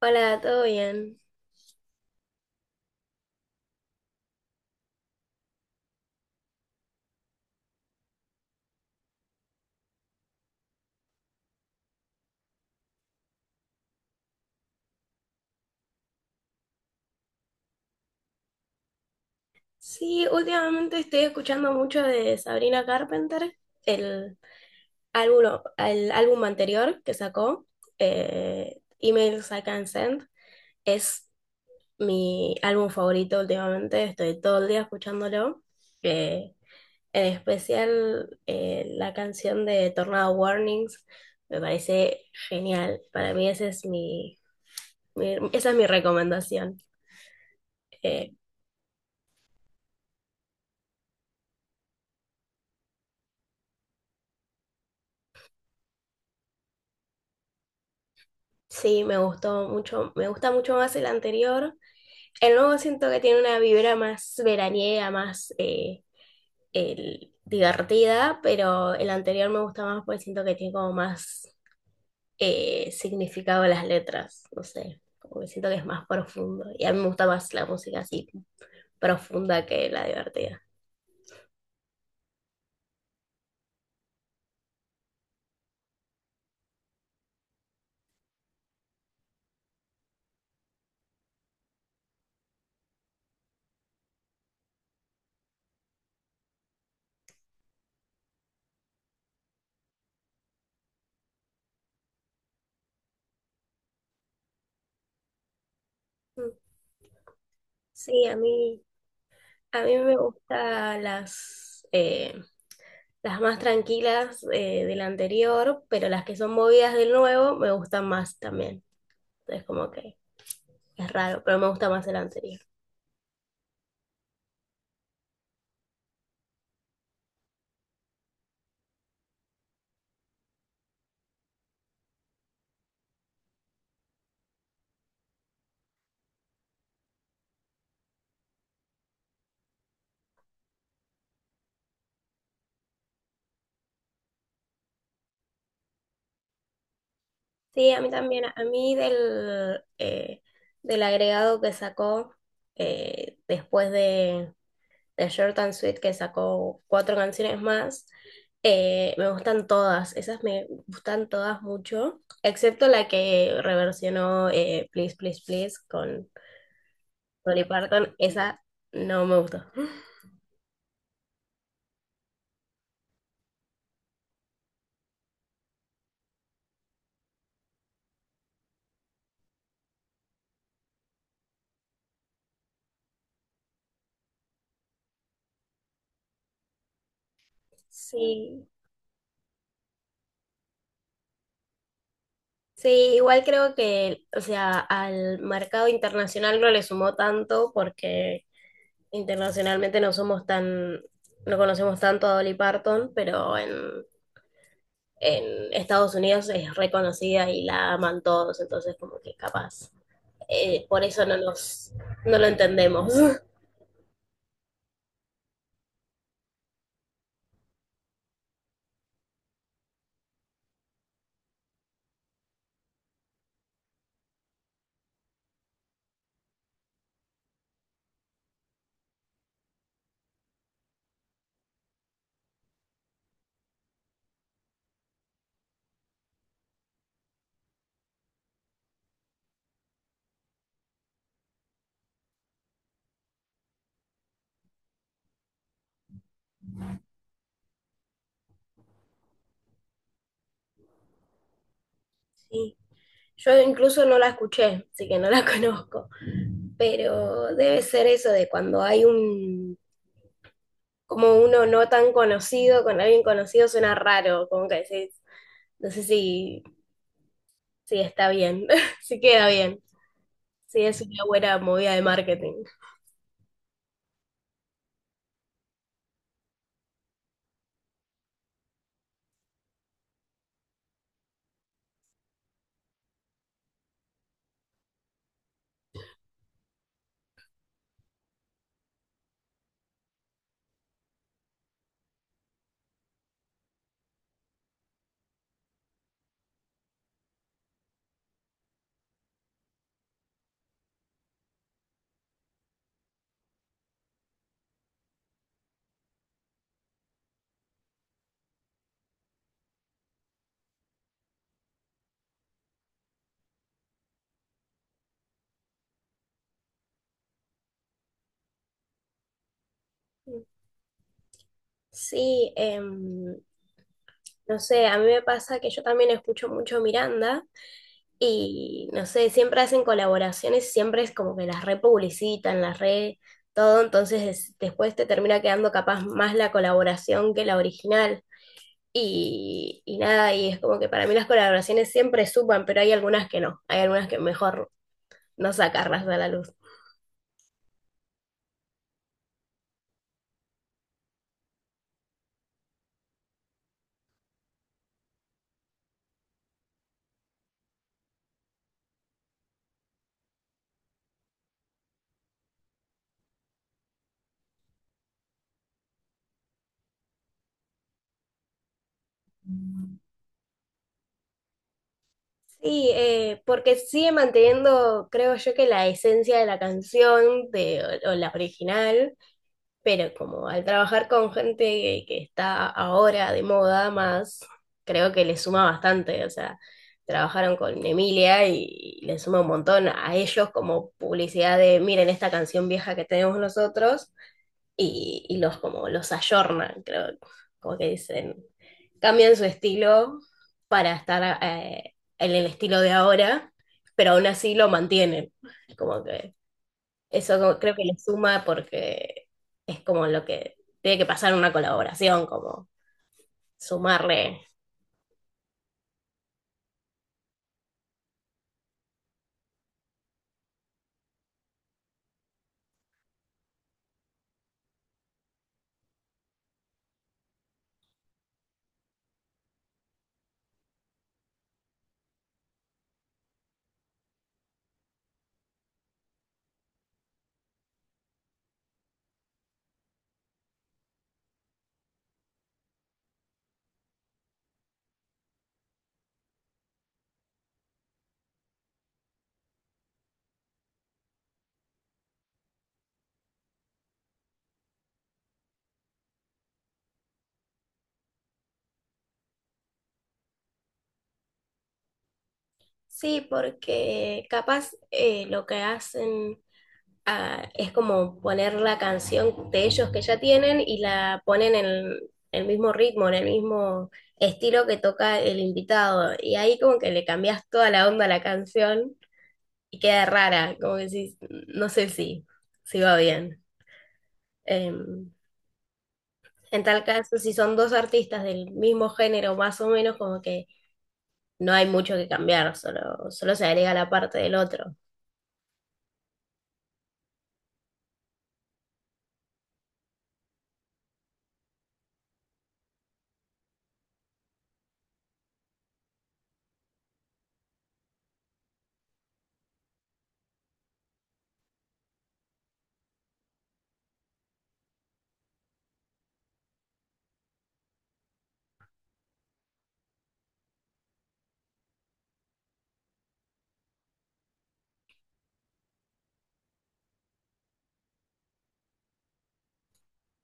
Hola, ¿todo bien? Sí, últimamente estoy escuchando mucho de Sabrina Carpenter, el el álbum anterior que sacó, Emails I Can Send. Es mi álbum favorito últimamente, estoy todo el día escuchándolo. Eh, en especial la canción de Tornado Warnings me parece genial. Para mí esa es mi recomendación. eh, Sí, me gustó mucho, me gusta mucho más el anterior. El nuevo siento que tiene una vibra más veraniega, más divertida, pero el anterior me gusta más porque siento que tiene como más significado las letras, no sé, como que siento que es más profundo. Y a mí me gusta más la música así profunda que la divertida. Mm. Sí, a mí me gustan las más tranquilas del anterior, pero las que son movidas del nuevo me gustan más también. Entonces, como que es raro, pero me gusta más el anterior. Sí, a mí también. A mí del agregado que sacó después de Short and Sweet, que sacó cuatro canciones más, me gustan todas. Esas me gustan todas mucho, excepto la que reversionó Please, Please, Please con Dolly Parton. Esa no me gustó. Sí, sí, igual creo que, o sea, al mercado internacional no le sumó tanto porque internacionalmente no somos tan, no conocemos tanto a Dolly Parton, pero en Estados Unidos es reconocida y la aman todos, entonces como que capaz, por eso no nos, no lo entendemos. Sí. Yo incluso no la escuché, así que no la conozco, pero debe ser eso de cuando hay un como uno no tan conocido, con alguien conocido suena raro, como que decís, no sé si está bien, si queda bien, si es una buena movida de marketing. Sí, no sé, a mí me pasa que yo también escucho mucho Miranda y no sé, siempre hacen colaboraciones, siempre es como que las republicitan, las re todo, entonces después te termina quedando capaz más la colaboración que la original. Y nada, y es como que para mí las colaboraciones siempre suman, pero hay algunas que no, hay algunas que mejor no sacarlas a la luz. Sí, porque sigue manteniendo, creo yo, que la esencia de la canción de, o, la original, pero como al trabajar con gente que está ahora de moda más, creo que le suma bastante, o sea, trabajaron con Emilia y le suma un montón a ellos como publicidad de, miren esta canción vieja que tenemos nosotros y los como los ayornan, creo, como que dicen, cambian su estilo para estar en el estilo de ahora, pero aún así lo mantienen. Como que eso creo que le suma porque es como lo que tiene que pasar en una colaboración, como sumarle. Sí, porque capaz lo que hacen es como poner la canción de ellos que ya tienen y la ponen en el mismo ritmo, en el mismo estilo que toca el invitado. Y ahí como que le cambias toda la onda a la canción y queda rara, como que sí no sé si va bien. Em, en tal caso, si son dos artistas del mismo género, más o menos, como que no hay mucho que cambiar, solo se agrega la parte del otro.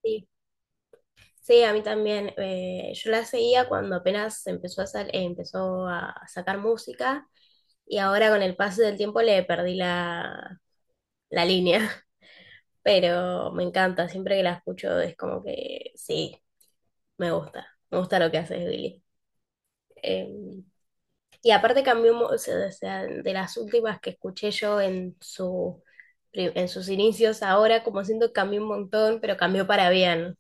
Sí. Sí, a mí también. Yo la seguía cuando apenas empezó a sacar música y ahora con el paso del tiempo le perdí la línea, pero me encanta, siempre que la escucho es como que sí, me gusta lo que hace Billy. Eh, y aparte cambió, o sea, de las últimas que escuché yo en sus inicios, ahora como siento que cambió un montón, pero cambió para bien.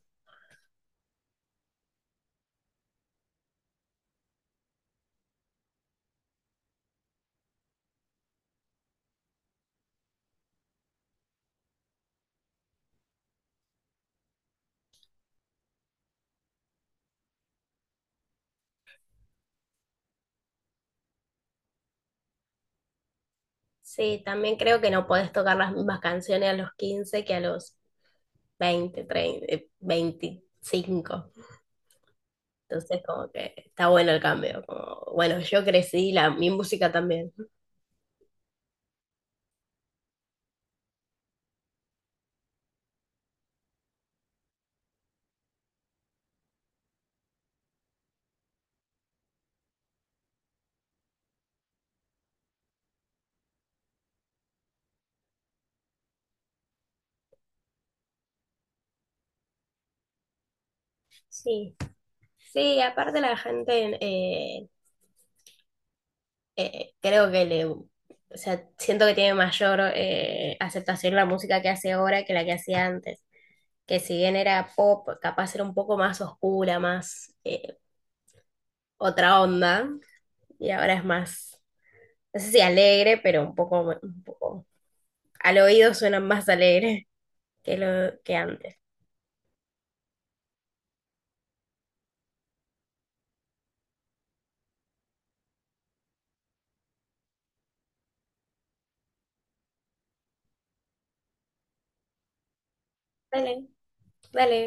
Sí, también creo que no podés tocar las mismas canciones a los 15 que a los 20 30 25. Entonces, como que está bueno el cambio. Como, bueno, yo crecí, mi música también. Sí, sí, aparte la gente, creo que o sea, siento que tiene mayor aceptación la música que hace ahora que la que hacía antes. Que si bien era pop, capaz era un poco más oscura, más otra onda, y ahora es más no sé si alegre, pero un poco al oído suena más alegre que lo que antes. Dale, dale.